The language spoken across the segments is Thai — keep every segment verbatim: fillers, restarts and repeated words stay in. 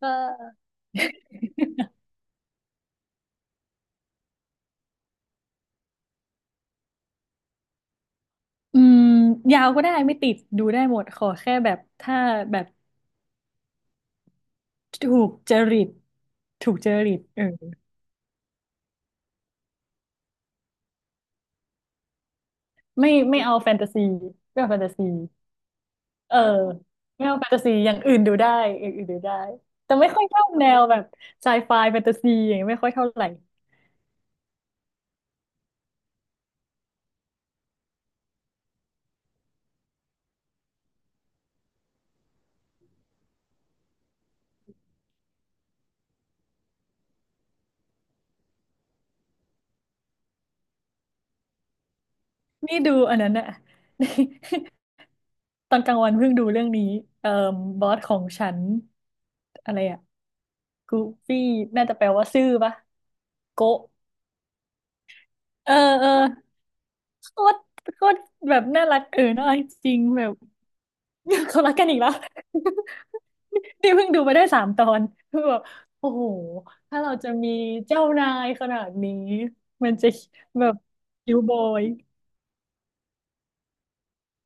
เอออืมยาวก็ได้ไม่ติดดูได้หมดขอแค่แบบถ้าแบบถูกจริตถูกจริตเออไม่ไม่เอาแฟนตาซีไม่เอาแฟนตาซีเออไม่เอาแฟนตาซีอย่างอื่นดูได้อย่างอื่นดูได้แต่ไม่ค่อยชอบแนวแบบไซไฟแฟนตาซีอย่างเงี้ยไม่ค่อยเท่าไหร่นี่ดูอันนั้นอะ ตอนกลางวันเพิ่งดูเรื่องนี้เอ่อบอสของฉันอะไรอะกูฟี่น่าจะแปลว่าซื่อปะโกะเออเออ โคตรโคตรแบบน่ารักเออน่ารักจริงแบบ เขารักกันอีกแล้ว นี่เพิ่งดูไปได้สามตอนคือแบบโอ้โห ถ้าเราจะมีเจ้านายขนาดนี้ มันจะแบบคิวบอย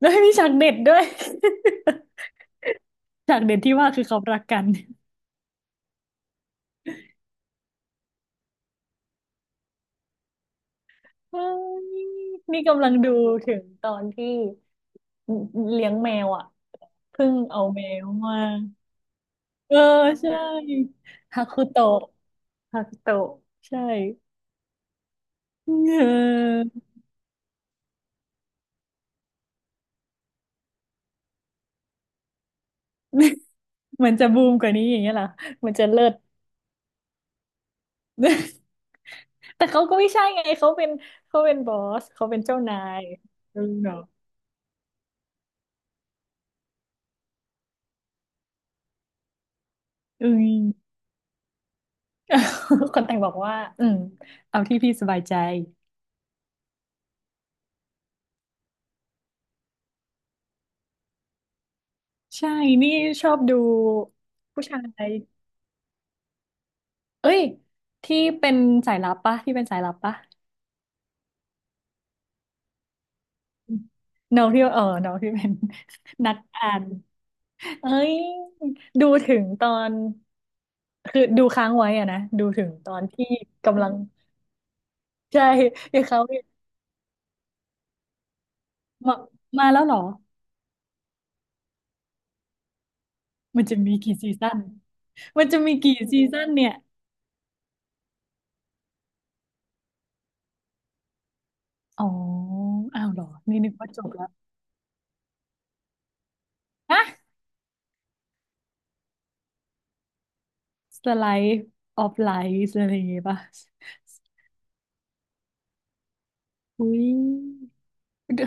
แล้วมีฉากเด็ดด้วย ฉากเด็ดที่ว่าคือเขารักกัน เฮ้ยนี่กำลังดูถึงตอนที่เลี้ยงแมวอ่ะเพิ่งเอาแมวมา เออใช่ฮาคุโตะฮาคุโตะใช่ เออ มันจะบูมกว่านี้อย่างเงี้ยเหรอมันจะเลิศ แต่เขาก็ไม่ใช่ไงเขาเป็นเขาเป็นบอสเขาเป็นเจ้านายเออเนาะอืม คนแต่งบอกว่าอืมเอาที่พี่สบายใจใช่นี่ชอบดูผู้ชายเอ้ยที่เป็นสายลับปะที่เป็นสายลับปะน้องที่เออน้องที่เป็น นักอ่าน เอ้ยดูถึงตอนคือดูค้างไว้อะนะดูถึงตอนที่กำลังใช่ที่เขามามาแล้วเหรอมันจะมีกี่ซีซั่นมันจะมีกี่ซีซั่นเนี่ยอ๋ออ้าวเหรอนี่นึกว่าจบแล้วฮะสไลด์ออฟไลฟ์อะไรอย่างงี้ป่ะอุ้ย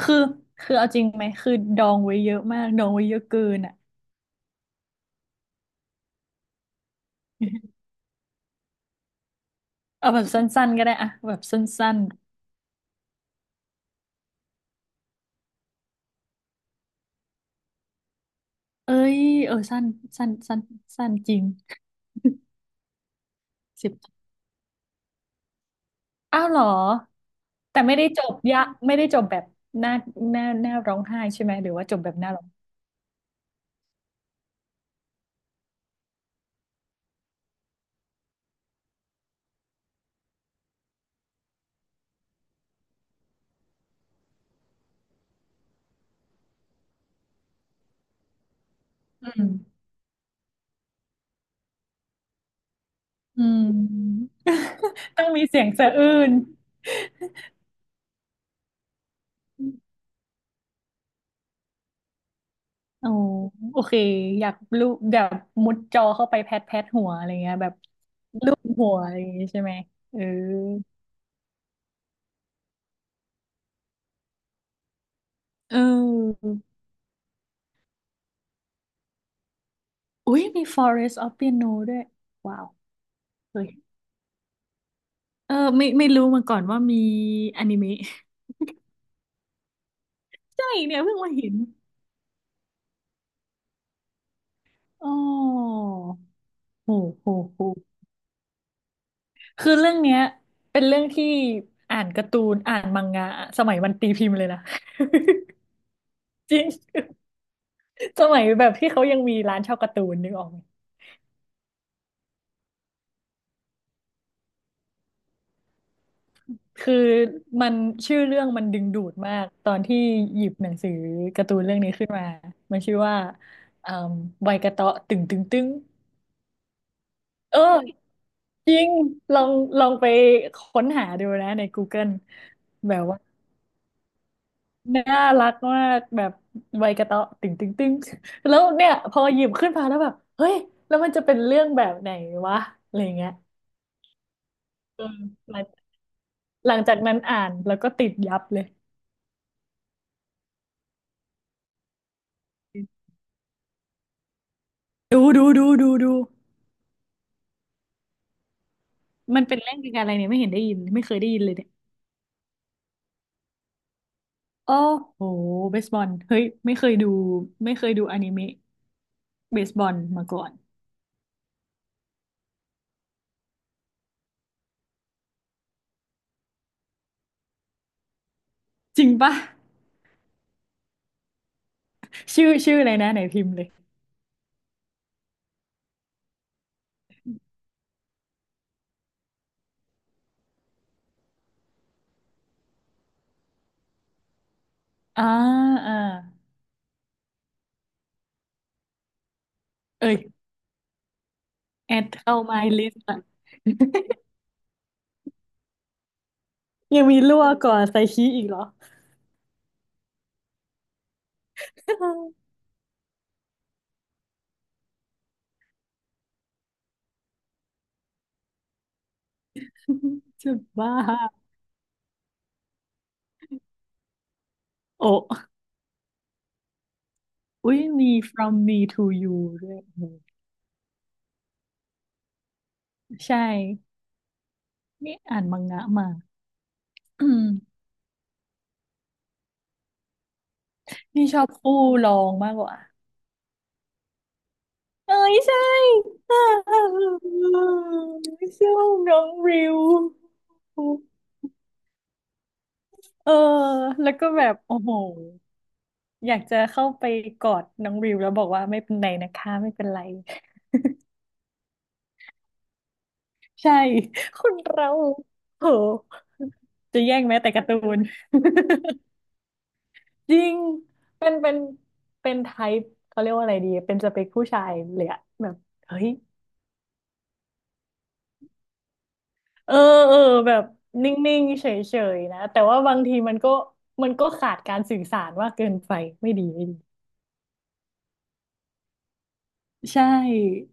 คือคือเอาจริงไหมคือดองไว้เยอะมากดองไว้เยอะเกินอ่ะ เอาแบบสั้นๆก็ได้อะแบบสั้น เอ้ยเออสั้นสั้นสั้นสั้นจริง สิบอ้าวเหรอแต่ไม่ได้จบยะไม่ได้จบแบบหน้าหน้าหน้าร้องไห้ใช่ไหมหรือว่าจบแบบหน้าร้องอืมอืม ต้องมีเสียงสะอื้นโอ้โอเคอยากลูบแบบมุดจอเข้าไปแพทแพทหัวอะไรเงี้ยแบบลูบหัวอะไรอย่างงี้ใช่ไหมเออเอออุ้ยมี Forest of Piano ด้วยว้าวเฮ้ยเออไม่ไม่รู้มาก่อนว่ามีอนิเมะ ใช่เนี่ยเพิ่งมาเห็นอ๋อโหโหโหคือเรื่องเนี้ยเป็นเรื่องที่อ่านการ์ตูนอ่านมังงะสมัยมันตีพิมพ์เลยนะ จริงสมัยแบบที่เขายังมีร้านเช่าการ์ตูนนึกออกไหมคือมันชื่อเรื่องมันดึงดูดมากตอนที่หยิบหนังสือการ์ตูนเรื่องนี้ขึ้นมามันชื่อว่าเอ่อใบกระเตาะตึงตึงตึงเออจริงลองลองไปค้นหาดูนะใน Google แบบว่า น่ารักมากแบบใบกระเตาะตึงตึงตึง แล้วเนี่ยพอหยิบขึ้นมาแล้วแบบเฮ้ยแล้วมันจะเป็นเรื่องแบบไหนวะอะไรเงี้ยเออหลังหลังจากนั้นอ่านแล้วก็ติดยับเลยดูดูดูดูดูมันเป็นเรื่องเกี่ยวกับอะไรเนี่ยไม่เห็นได้ยินไม่เคยได้ยินเลยเนี่ยโอ้โหเบสบอลเฮ้ยไม่เคยดูไม่เคยดูอนิเมะเบสบอลมาก่อนจริงปะชื่อชื่ออะไรนะไหนพิมพ์เลยอ่าอ่าเอ้ยแอดเข้า my list อะ ยังมีรั่วก่อนไซคิอีกเหรอ จะบ้าโอ้อุ้ยมี from me to you ด้วยโอ้โหใช่ นี่อ่านมังงะมา อืมนี่ชอบคู่รองมากกว่า เอ้ยใช่ อ่าชอบน้องริวเออแล้วก็แบบโอ้โหอยากจะเข้าไปกอดน้องริวแล้วบอกว่าไม่เป็นไรนะคะ ไม่เป็นไร ใช่คนเราโหจะแย่งแม้แต่การ์ตูน จริงเป็นเป็นเป็นไทป์เขาเรียกว่าอะไรดีเป็นสเปคผู้ชายเลยอะแบบเฮ้ยเออเออแบบนิ่งๆเฉยๆนะแต่ว่าบางทีมันก็มันก็ขาดการสื่อสารว่ากเกินไปไม่ดีไม่ดีใช่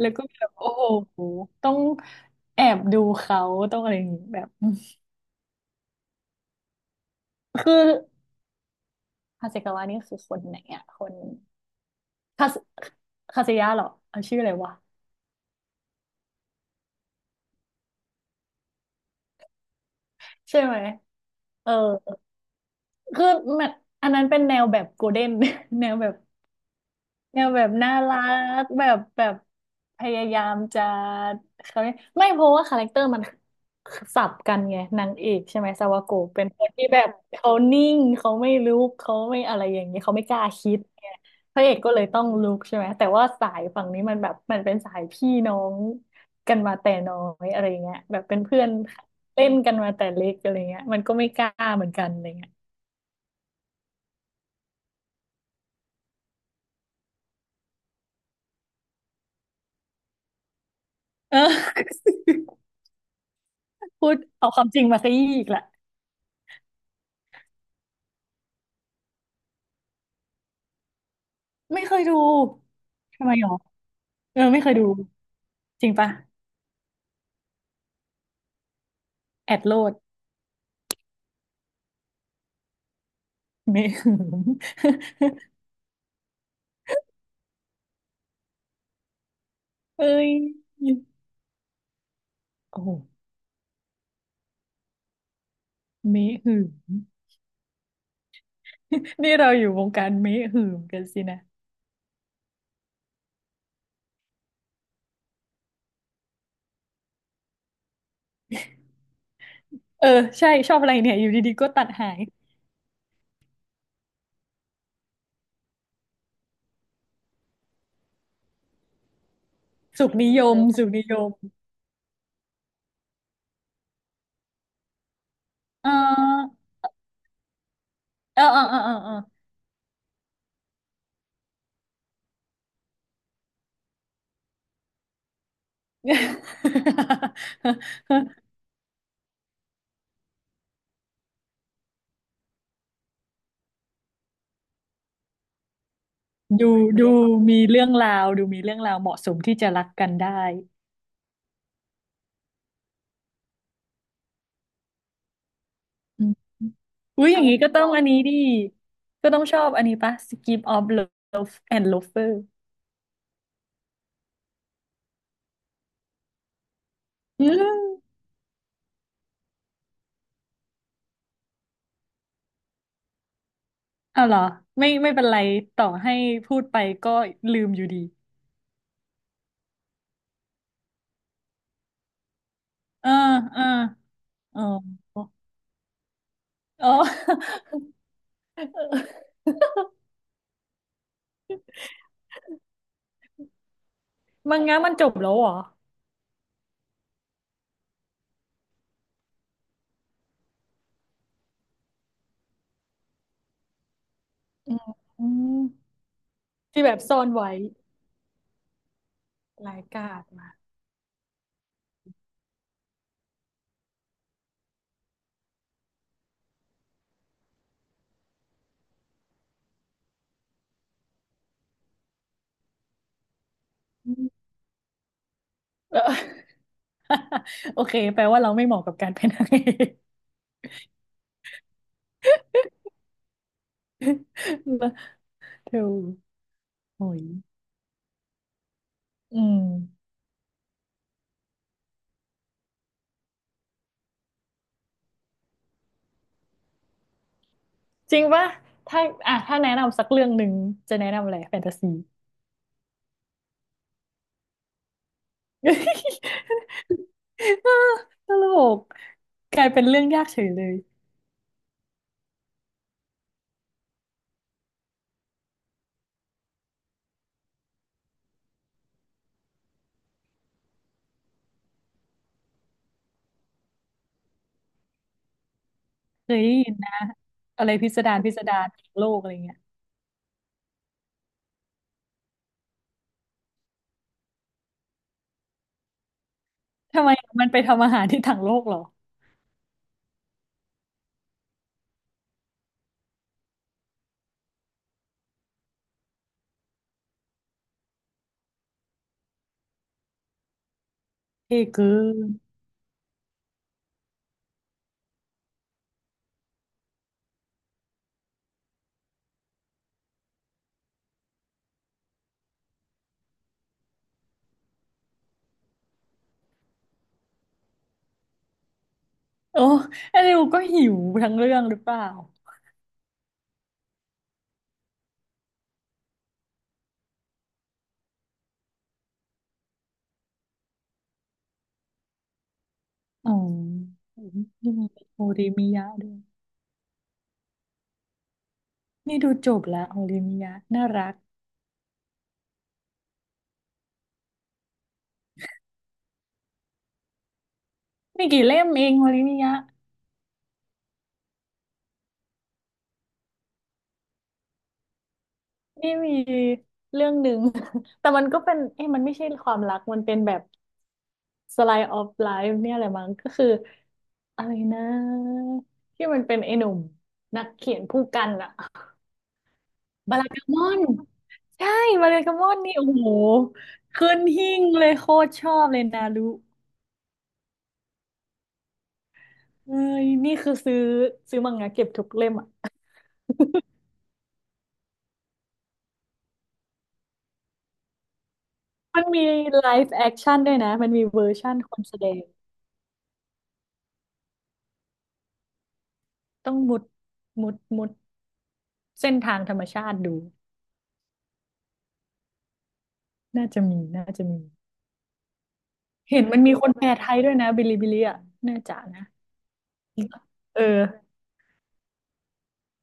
แล้วก็แบบโอ้โหต้องแอบดูเขาต้องอะไรอย่างงี้แบบคือฮาเซกาวะนี่คือคนไหนอะคน คาสคาิยะเหรอเอาชื่ออะไรวะใช่ไหมเออคือมันอันนั้นเป็นแนวแบบโกลเด้น แนวแบบ เนี่ยแบบน่ารักแบบแบบพยายามจะเขาเรียกไม่เพราะว่าคาแรคเตอร์มันสับกันไงนางเอกใช่ไหมซาวาโกะเป็นคนที่แบบเขานิ่งเขาไม่ลุกเขาไม่อะไรอย่างเงี้ยเขาไม่กล้าคิดไงพระเอกก็เลยต้องลุกใช่ไหมแต่ว่าสายฝั่งนี้มันแบบมันเป็นสายพี่น้องกันมาแต่น้อยอะไรเงี้ยแบบเป็นเพื่อนเล่นกันมาแต่เล็กอะไรเงี้ยมันก็ไม่กล้าเหมือนกันอะไรเงี้ย เออพูดเอาความจริงมาซะอีกละ ไม่เคยดู ทำไมหรอเออไม่เคยดู จริงปะแอดโลดเมหึง เอ้ย โอ้โหเมหึง นี่เราอยู่วงการเมหึงกันสินะ เออใช่ชอบอะไรเนี่ยอยู่ดีๆก็ตัดหายสุขนิยมสุขนิยมเออเออเออเออเออเออ ดูดูมีเรื่องราวดูมีเรื่องราวเหมาะสมที่จะรักกันได้ อืมอุ้ยอย่างนี้ก็ต้องอันนี้ดิ ก็ต้องชอบอันนี้ปะ Skip of Love and Lover อืมเอาเหรอไม่ไม่เป็นไรต่อให้พูดไปก็ลืมอยู่ดีเออเออเอออ๋อ มังงะมันจบแล้วเหรออืมอืมที่แบบซ่อนไว้รายกาดมาอืมเออ โอเคแปลว่าเราไม่เหมาะกับการเป็นนางเอก นะเโอ้ยอืม จริงปะถ้าอ่ะถ้าแนะนำสักเรื่องหนึ่งจะแนะนำอะไรแฟนตาซี ตลกกลายเป็นเรื่องยากเฉยเลยเคยได้ยินนะอะไรพิสดารพิสดารทางโลกอะไรเงี้ยทำไมมันไปทำอาหารที่ทางโลกเหรอเอ่เกินโอ้ไอ้นิวก็หิวทั้งเรื่องหรือเปล่าอ๋อนี่มัโฮริมิยะด้วยนี่ดูจบละโฮริมิยะน่ารักไม่กี่เล่มเองโฮริมิยะ นี่มีเรื่องหนึ่ง แต่มันก็เป็นเอ้ยมันไม่ใช่ความรักมันเป็นแบบ slice of life เนี่ยแหละมั้งก็คืออะไรนะที่มันเป็นไอ้หนุ่มนักเขียนผู้กันอะบารากามอนใช่บารากามอนนี่โอ้โหขึ้นหิ้งเลยโคตรชอบเลยนารุเอ้ยนี่คือซื้อซื้อมังงะเก็บทุกเล่มอะ มันมีไลฟ์แอคชั่นด้วยนะมันมีเวอร์ชั่นคนแสดงต้องมุดมุดมุดเส้นทางธรรมชาติดู น่าจะมี น่าจะมี เห็นมันมีคนแปลไทยด้วยนะบิลิบิลิอ่ะ น่าจะนะ เออ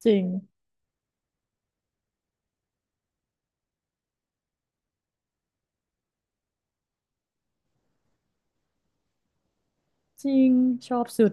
จริง จริง ชอบสุด